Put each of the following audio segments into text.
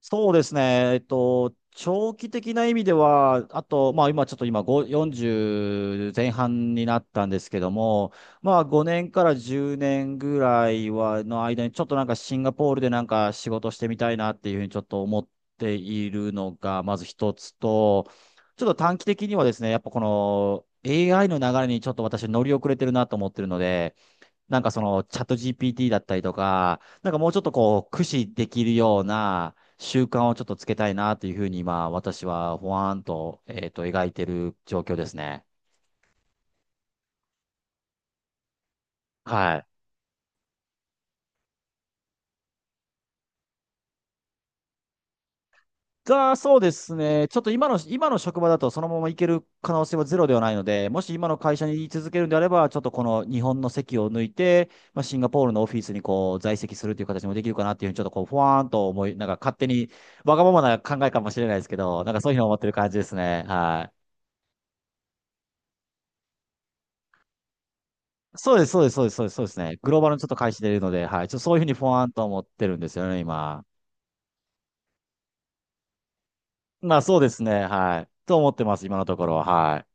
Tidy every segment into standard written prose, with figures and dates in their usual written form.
そうですね。長期的な意味では、あと、まあ今ちょっと今5 40前半になったんですけども、まあ5年から10年ぐらいは、の間にちょっとなんかシンガポールでなんか仕事してみたいなっていうふうにちょっと思っているのが、まず一つと、ちょっと短期的にはですね、やっぱこの AI の流れにちょっと私乗り遅れてるなと思ってるので、なんかそのチャット GPT だったりとか、なんかもうちょっとこう、駆使できるような習慣をちょっとつけたいなというふうに今、私はほわーんと、描いてる状況ですね。はい。が、そうですね。ちょっと今の職場だとそのまま行ける可能性はゼロではないので、もし今の会社に居続けるんであれば、ちょっとこの日本の席を抜いて、まあ、シンガポールのオフィスにこう在籍するという形もできるかなっていうふうに、ちょっとこう、ふわーんと思い、なんか勝手にわがままな考えかもしれないですけど、なんかそういうふうに思ってる感じですね。はそうです、そうです、そうです、そうですそうですね。グローバルのちょっと開始でいるので、はい。ちょっとそういうふうにフォワンと思ってるんですよね、今。まあそうですね、はい。と思ってます、今のところは、はい。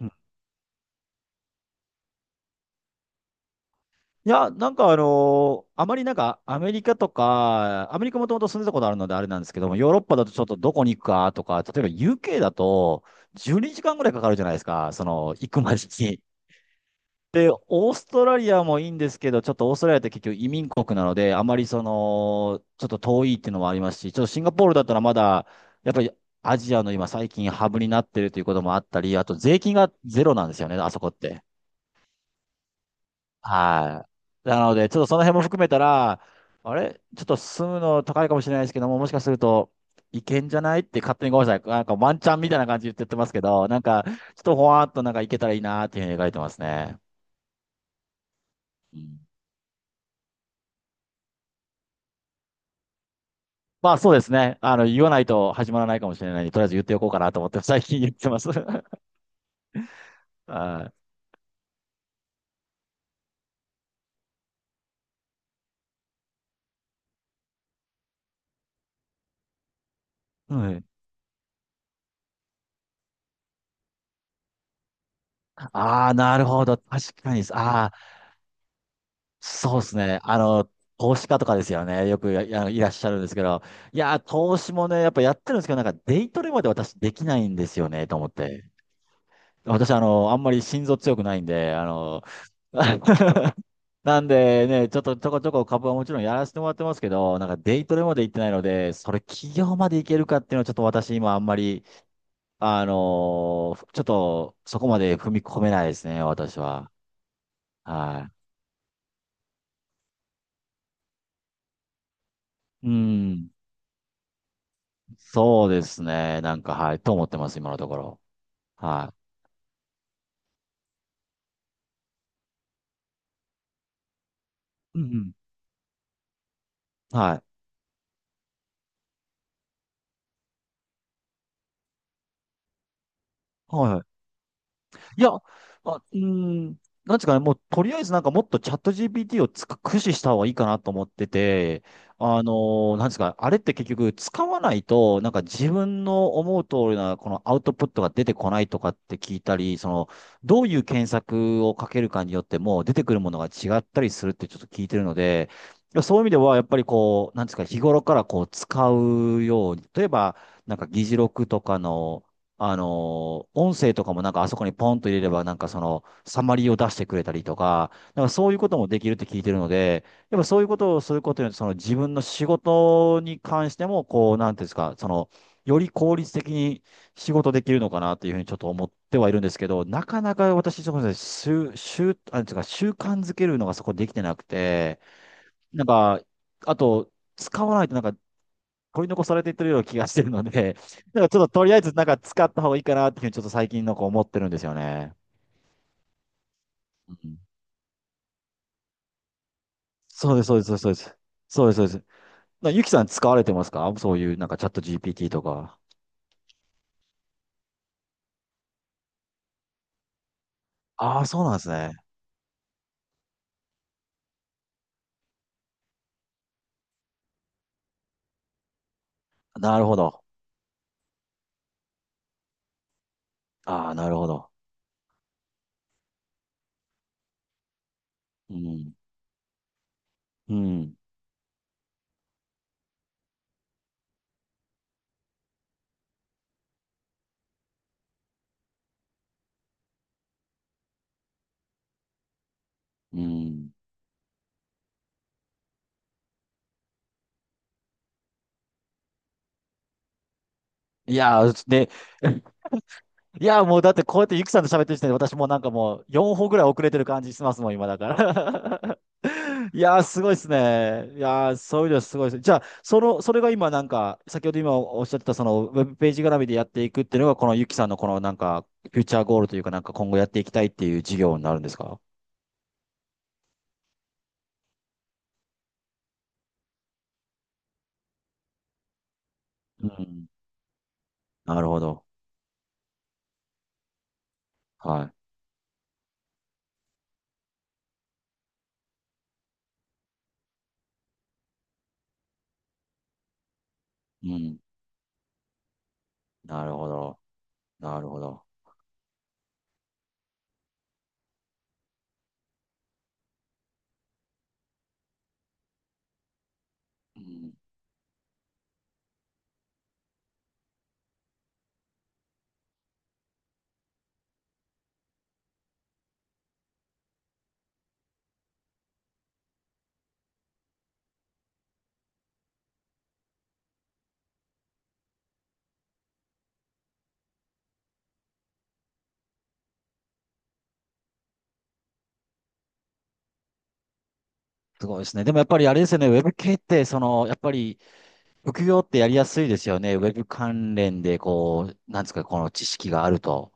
うん、いや、なんかあまりなんかアメリカとか、アメリカもともと住んでたことあるのであれなんですけども、ヨーロッパだとちょっとどこに行くかとか、例えば UK だと12時間ぐらいかかるじゃないですか、その行くまでに。で、オーストラリアもいいんですけど、ちょっとオーストラリアって結局移民国なので、あまりその、ちょっと遠いっていうのもありますし、ちょっとシンガポールだったらまだ、やっぱりアジアの今最近ハブになってるということもあったり、あと税金がゼロなんですよね、あそこって。はい。なので、ちょっとその辺も含めたら、あれちょっと住むの高いかもしれないですけども、もしかすると、いけんじゃないって勝手にごめんなさい。なんかワンチャンみたいな感じで言ってますけど、なんか、ちょっとほわーっとなんかいけたらいいなーっていうふうに描いてますね。うん、まあそうですね。あの、言わないと始まらないかもしれないんで、とりあえず言っておこうかなと思って 最近言ってます。はい。はい。ああ、なるほど。確かに。ああ、そうですね。あの、投資家とかですよね。よくややいらっしゃるんですけど。いやー、投資もね、やっぱやってるんですけど、なんかデイトレまで私できないんですよね、と思って。私、あの、あんまり心臓強くないんで、あの、なんでね、ちょっとちょこちょこ株はもちろんやらせてもらってますけど、なんかデイトレまで行ってないので、それ企業まで行けるかっていうのはちょっと私今あんまり、ちょっとそこまで踏み込めないですね、私は。はい。うん。そうですね。なんか、はい。と思ってます、今のところ。はい。うんうん。はい。はい、いや、あ、うーん、なんですかね、もうとりあえずなんかもっとチャット GPT をつく駆使した方がいいかなと思ってて、あのなんですか、あれって結局使わないと、なんか自分の思う通りなこのアウトプットが出てこないとかって聞いたり、その、どういう検索をかけるかによっても出てくるものが違ったりするってちょっと聞いてるので、そういう意味では、やっぱりこう、なんですか、日頃からこう使うように、例えば、なんか議事録とかの、あの、音声とかもなんかあそこにポンと入れればなんかそのサマリーを出してくれたりとか、なんかそういうこともできるって聞いてるので、やっぱそういうことをすることによってその自分の仕事に関してもこう、なんていうんですか、その、より効率的に仕事できるのかなというふうにちょっと思ってはいるんですけど、なかなか私、そこでなんていうか習慣づけるのがそこできてなくて、なんか、あと、使わないとなんか取り残されていってるような気がしてるので、なんかちょっととりあえずなんか使った方がいいかなっていうふうにちょっと最近のん思ってるんですよね。うん、そうです、そうです、そうです。そうです、そうです。そうですなゆきさん使われてますかそういうなんかチャット GPT とか。ああ、そうなんですね。なるほど。ああ、なるほど。うん。うん。うん。いやー、で、いや、もうだってこうやってゆきさんと喋ってる時点で私もうなんかもう4歩ぐらい遅れてる感じしますもん、今だから。いやー、すごいですね。いやー、そういうのすごいです。じゃあ、その、それが今なんか、先ほど今おっしゃってたそのウェブページ絡みでやっていくっていうのが、このゆきさんのこのなんか、フューチャーゴールというかなんか今後やっていきたいっていう事業になるんですか？うん。なるほど。はい。うん。なるほど。なるほど。うん。すごいですね。でもやっぱりあれですよね、ウェブ系って、その、やっぱり、副業ってやりやすいですよね。ウェブ関連で、こう、なんですか、この知識があると。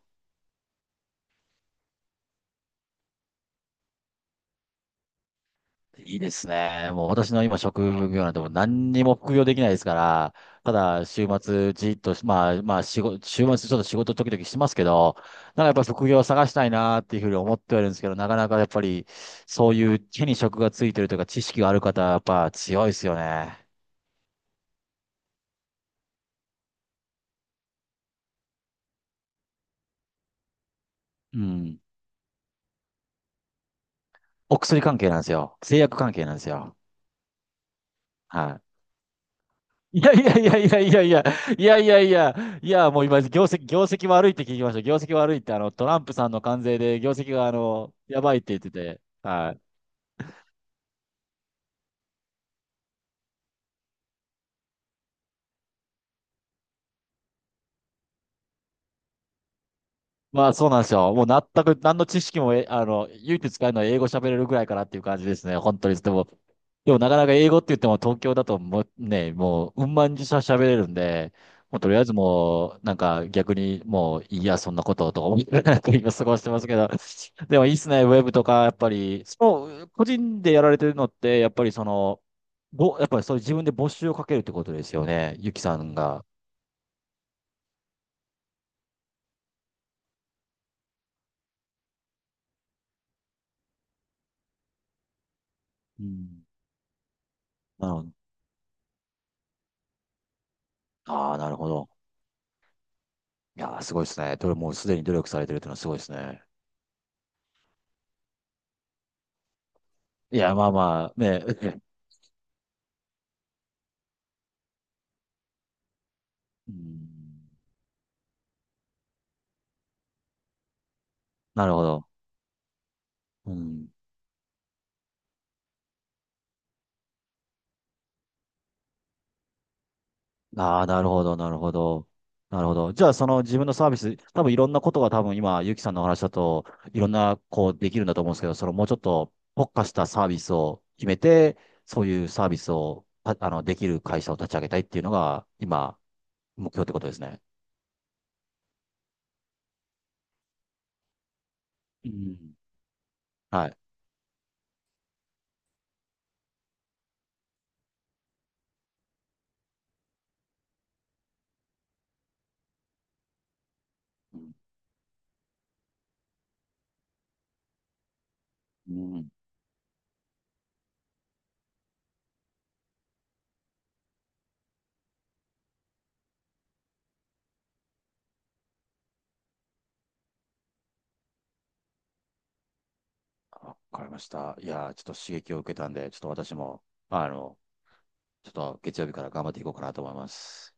いいですね。もう私の今職業なんてもう何にも副業できないですから、ただ週末じっと、まあ仕事、週末ちょっと仕事時々しますけど、なんかやっぱ副業を探したいなっていうふうに思ってはいるんですけど、なかなかやっぱりそういう手に職がついてるというか知識がある方はやっぱ強いですよね。うん。お薬関係なんですよ。製薬関係なんですよ。はい。いやいやいやいやいやいや、いやいやいや、いや、もう今、業績悪いって聞きました。業績悪いって、あの、トランプさんの関税で業績が、あの、やばいって言ってて、はい。まあそうなんですよ。もう全く何の知識も、え、あの、唯一使えるのは英語喋れるぐらいかなっていう感じですね。本当に。でも、でもなかなか英語って言っても東京だともうね、もううんまんしゃ喋れるんで、もうとりあえずもうなんか逆にもういいや、そんなこととか思いながら今過ごしてますけど、でもいいっすね、ウェブとかやっぱり、その個人でやられてるのって、やっぱりその、やっぱりそういう自分で募集をかけるってことですよね、ゆきさんが。うん。なるほど。ああ、なるほど。いやー、すごいですね。どれもうすでに努力されてるっていうのはすごいですね。いや、まあまあ、ね、う ん、なるほど。うん。ああ、なるほど、なるほど。なるほど。じゃあ、その自分のサービス、多分いろんなことが多分今、ゆきさんのお話だと、いろんな、こう、できるんだと思うんですけど、そのもうちょっと特化したサービスを決めて、そういうサービスを、たあの、できる会社を立ち上げたいっていうのが、今、目標ってことですね。うん。はい。うん、わかりました。いやー、ちょっと刺激を受けたんで、ちょっと私も、まあの、ちょっと月曜日から頑張っていこうかなと思います。